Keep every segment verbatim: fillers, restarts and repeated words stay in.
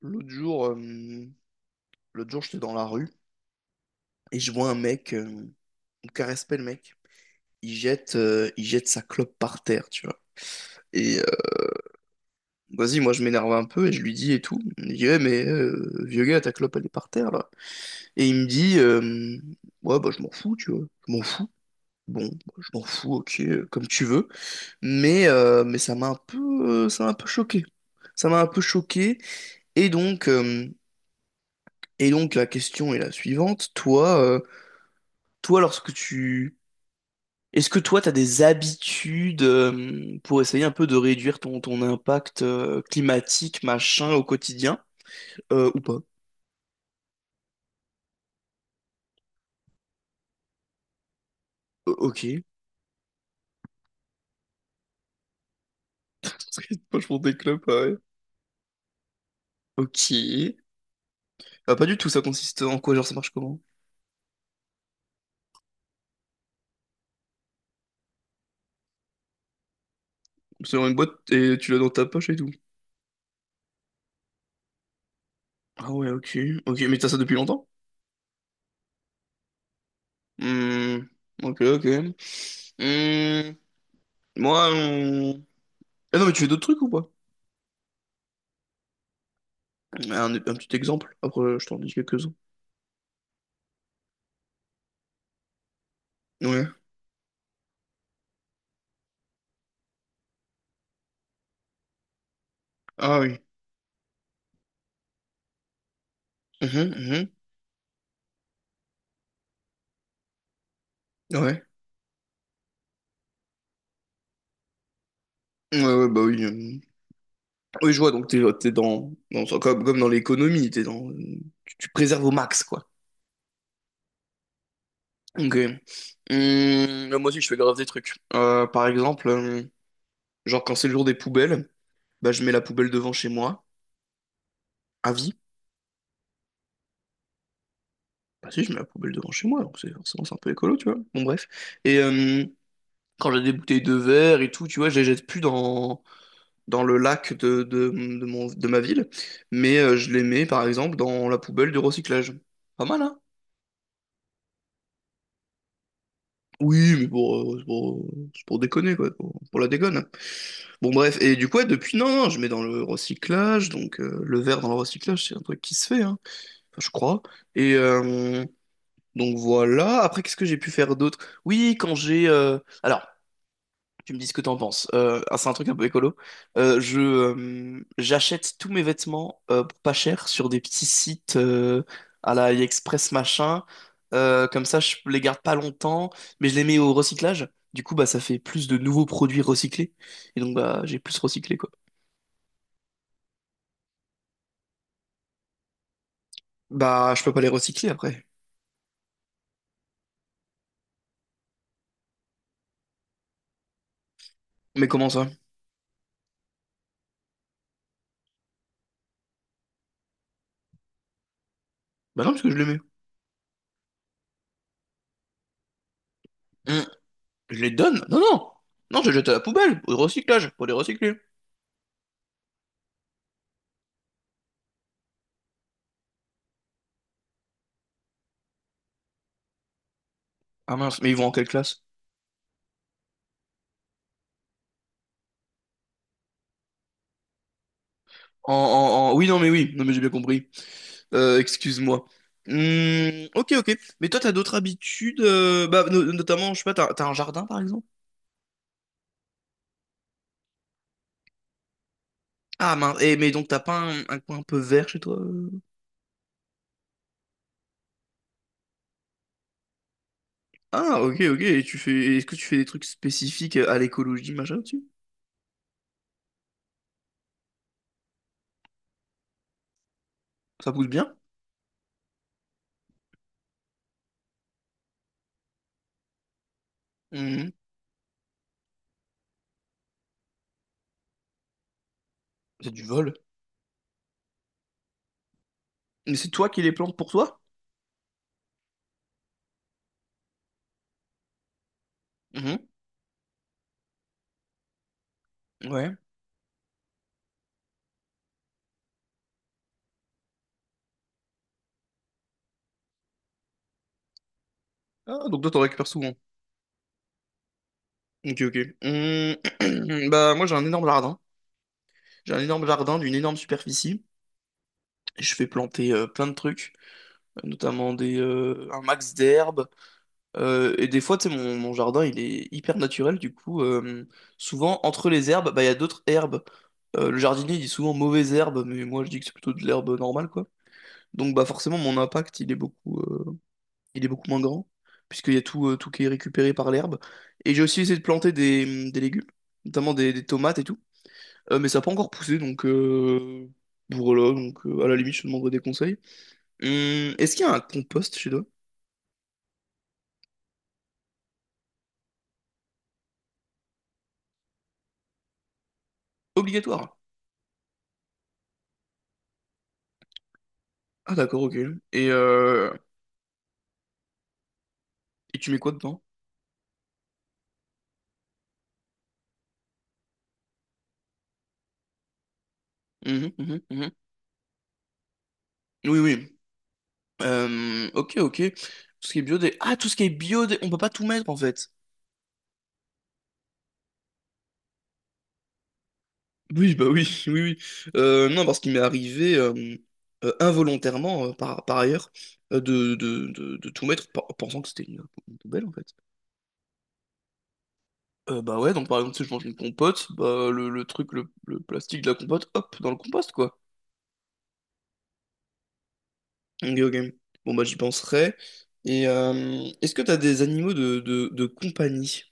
L'autre jour, euh, l'autre jour, j'étais dans la rue et je vois un mec, euh, on caresse pas le mec. Il jette, euh, il jette sa clope par terre, tu vois. Et euh, Vas-y, moi je m'énerve un peu et je lui dis et tout. Il me dit, ouais, mais euh, vieux gars, ta clope elle est par terre là. Et il me dit, euh, ouais, bah je m'en fous, tu vois. Je m'en fous. Bon, bah, je m'en fous, ok, euh, comme tu veux. Mais, euh, mais ça m'a un peu, euh, ça m'a un peu choqué. Ça m'a un peu choqué. Et donc, euh, et donc la question est la suivante. Toi, euh, toi, lorsque tu est-ce que toi, tu as des habitudes euh, pour essayer un peu de réduire ton, ton impact euh, climatique, machin, au quotidien? Euh, ou pas? Euh, ok. Moi, je prends des clubs, ah ouais. Ok. Ah, pas du tout, ça consiste en quoi? Genre, ça marche comment? C'est dans une boîte et tu l'as dans ta poche et tout. Ah ouais, ok. Ok, mais t'as ça depuis longtemps? Hmm. Ok, ok. Hmm. Moi, on- Ah non, mais tu fais d'autres trucs ou pas? Un, un petit exemple, après je t'en dis quelques-uns. Ouais. Ah oui. Mhm, mhm. Ouais. Ouais, ouais, bah oui. euh. Oui, je vois, donc t'es, t'es dans, dans- comme, comme dans l'économie, t'es dans, tu, tu préserves au max, quoi. Ok. Hum, moi aussi, je fais grave des trucs. Euh, par exemple, euh, genre quand c'est le jour des poubelles, bah je mets la poubelle devant chez moi, à vie. Bah si, je mets la poubelle devant chez moi, donc c'est forcément c'est un peu écolo, tu vois. Bon, bref. Et euh, Quand j'ai des bouteilles de verre et tout, tu vois, je les jette plus dans, dans le lac de, de, de mon, de ma ville, mais euh, je les mets, par exemple, dans la poubelle du recyclage. Pas mal, hein? Oui, mais pour, euh, c'est pour, c'est pour déconner, quoi, pour, pour la déconne. Bon, bref, et du coup, ouais, depuis, non, non, je mets dans le recyclage, donc euh, le verre dans le recyclage, c'est un truc qui se fait, hein. Enfin, je crois. Et euh, donc voilà, après, qu'est-ce que j'ai pu faire d'autre? Oui, quand j'ai... euh, alors, tu me dis ce que t'en penses. Euh, ah, c'est un truc un peu écolo. Euh, je euh, J'achète tous mes vêtements euh, pour pas cher sur des petits sites euh, à la AliExpress machin. Euh, comme ça, je les garde pas longtemps, mais je les mets au recyclage. Du coup, bah ça fait plus de nouveaux produits recyclés. Et donc bah j'ai plus recyclé quoi. Bah je peux pas les recycler après. Mais comment ça? Bah non, parce que je les mets. Hmm. Je les donne? Non, non! Non, je les jette à la poubelle, au recyclage, pour les recycler. Ah mince, mais ils vont en quelle classe? En, en, en... Oui, non, mais oui, non, mais j'ai bien compris. Euh, excuse-moi. Hmm, ok, ok. Mais toi, t'as d'autres habitudes, euh, bah, no- notamment, je sais pas, t'as, t'as un jardin par exemple? Ah mince. Eh, mais donc t'as pas un, un coin un peu vert chez toi, euh? Ah ok, ok. Et tu fais, est-ce que tu fais des trucs spécifiques à l'écologie, machin, dessus? Ça pousse bien? Mhm. C'est du vol. Mais c'est toi qui les plantes pour toi? Mhm. Ouais. Ah, donc toi, t'en récupères souvent. Ok, ok. Hmm. Bah, moi, j'ai un énorme jardin. J'ai un énorme jardin d'une énorme superficie. Je fais planter euh, plein de trucs, notamment des, euh, un max d'herbes. Euh, et des fois, tu sais, mon, mon jardin, il est hyper naturel. Du coup, euh, souvent, entre les herbes, bah, il y a d'autres herbes. Euh, le jardinier il dit souvent mauvaise herbe, mais moi, je dis que c'est plutôt de l'herbe normale, quoi. Donc, bah, forcément, mon impact, il est beaucoup, euh, il est beaucoup moins grand, puisqu'il y a tout, euh, tout qui est récupéré par l'herbe. Et j'ai aussi essayé de planter des, des légumes, notamment des, des tomates et tout. Euh, mais ça n'a pas encore poussé, donc... euh, Voilà, donc euh, à la limite, je te demanderai des conseils. Hum, est-ce qu'il y a un compost chez toi? Obligatoire. Ah d'accord, ok. Et, euh, et tu mets quoi dedans? Mhm, mhm, mhm. Oui, oui. Euh, ok, ok. Tout ce qui est biodé. Ah, tout ce qui est biodé. On peut pas tout mettre en fait. Oui, bah oui, oui, oui. Euh, non, parce qu'il m'est arrivé euh, euh, involontairement, euh, par, par ailleurs, euh, de, de, de, de tout mettre par- pensant que c'était une, une poubelle en fait. Euh, bah ouais, donc par exemple, si je mange une compote, bah le, le truc, le, le plastique de la compote, hop, dans le compost quoi. Ok, ok. Bon, bah, j'y penserai. Et euh, est-ce que t'as des animaux de, de, de compagnie?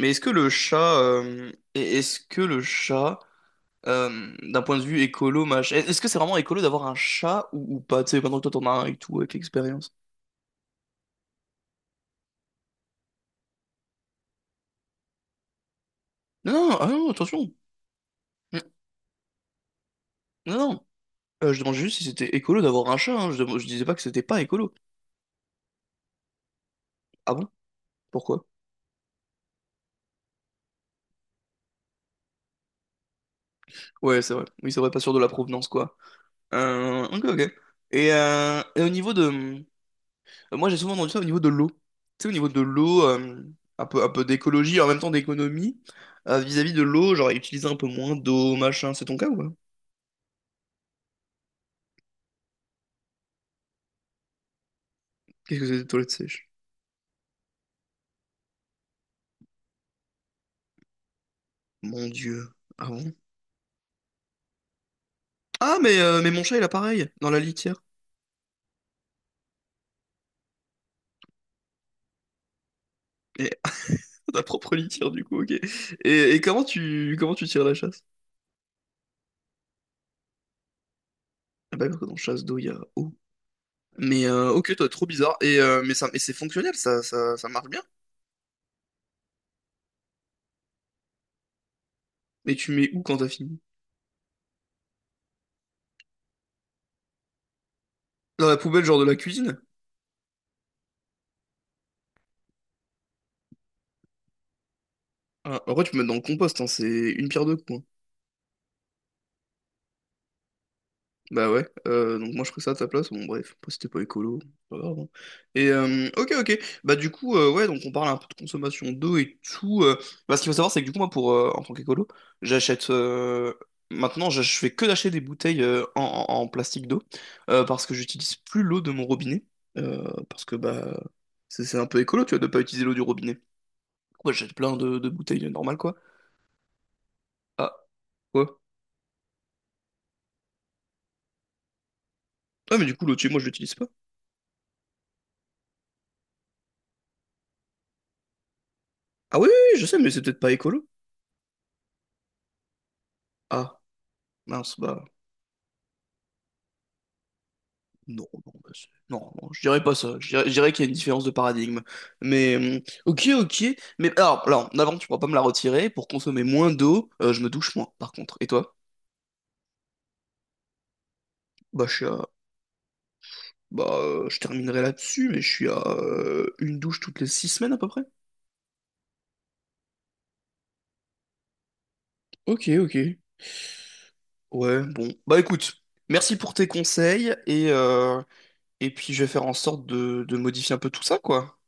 Mais est-ce que le chat, euh, et est-ce que le chat, euh, d'un point de vue écolo, machin, est-ce que c'est vraiment écolo d'avoir un chat ou, ou pas? Tu sais, maintenant que toi t'en as un et tout, avec l'expérience. Non, non, ah non, attention. Mm. Non, non. Euh, je demandais juste si c'était écolo d'avoir un chat, hein. Je, dem- je disais pas que c'était pas écolo. Ah bon? Pourquoi? Ouais, c'est vrai. Oui, c'est vrai, pas sûr de la provenance, quoi. Euh, ok, ok. Et, euh, et au niveau de, Euh, Moi, j'ai souvent entendu ça au niveau de l'eau. Tu sais, au niveau de l'eau, euh, un peu, un peu d'écologie, et en même temps d'économie, euh, vis-à-vis de l'eau, genre utiliser un peu moins d'eau, machin. C'est ton cas ou pas? Qu'est-ce que c'est des toilettes sèches? Mon Dieu. Ah bon? Ah, mais, euh, mais mon chat, il a pareil, dans la litière. Et, ta propre litière, du coup, ok. Et, et comment tu, comment tu tires la chasse? Ah bah, quand on chasse d'eau, il y a eau. Mais euh, ok, toi, trop bizarre. Et, euh, mais ça, mais c'est fonctionnel, ça, ça, ça marche bien. Mais tu mets où quand t'as fini? Dans la poubelle, genre de la cuisine? Ah, en vrai, tu peux mettre dans le compost, hein, c'est une pierre deux coups, hein. Bah ouais, euh, donc moi je ferais ça à ta place, bon bref, après, c'était pas écolo, c'est pas grave, hein. Et euh, ok ok, bah du coup euh, ouais donc on parle un peu de consommation d'eau et tout, euh, bah, ce qu'il faut savoir c'est que du coup moi pour euh, en tant qu'écolo, j'achète euh, maintenant je, je fais que d'acheter des bouteilles euh, en, en- en plastique d'eau euh, parce que j'utilise plus l'eau de mon robinet, euh, parce que bah c'est c'est un peu écolo tu vois de pas utiliser l'eau du robinet. Ouais j'achète plein de, de bouteilles euh, normales quoi. Ah quoi? Ah mais du coup l'eau de chez moi je l'utilise pas. Ah oui, oui oui, je sais mais c'est peut-être pas écolo. Ah mince bah. Non, non, bah, c'est- non, non, je dirais pas ça. Je dirais, je dirais qu'il y a une différence de paradigme. Mais hum, ok, ok. Mais alors, alors, en avant, tu pourras pas me la retirer. Pour consommer moins d'eau, euh, je me douche moins, par contre. Et toi? Bah, je suis à... Bah, euh, je terminerai là-dessus, mais je suis à euh, une douche toutes les six semaines à peu près. Ok, ok. Ouais, bon. Bah écoute, merci pour tes conseils et, euh, et puis je vais faire en sorte de, de modifier un peu tout ça, quoi.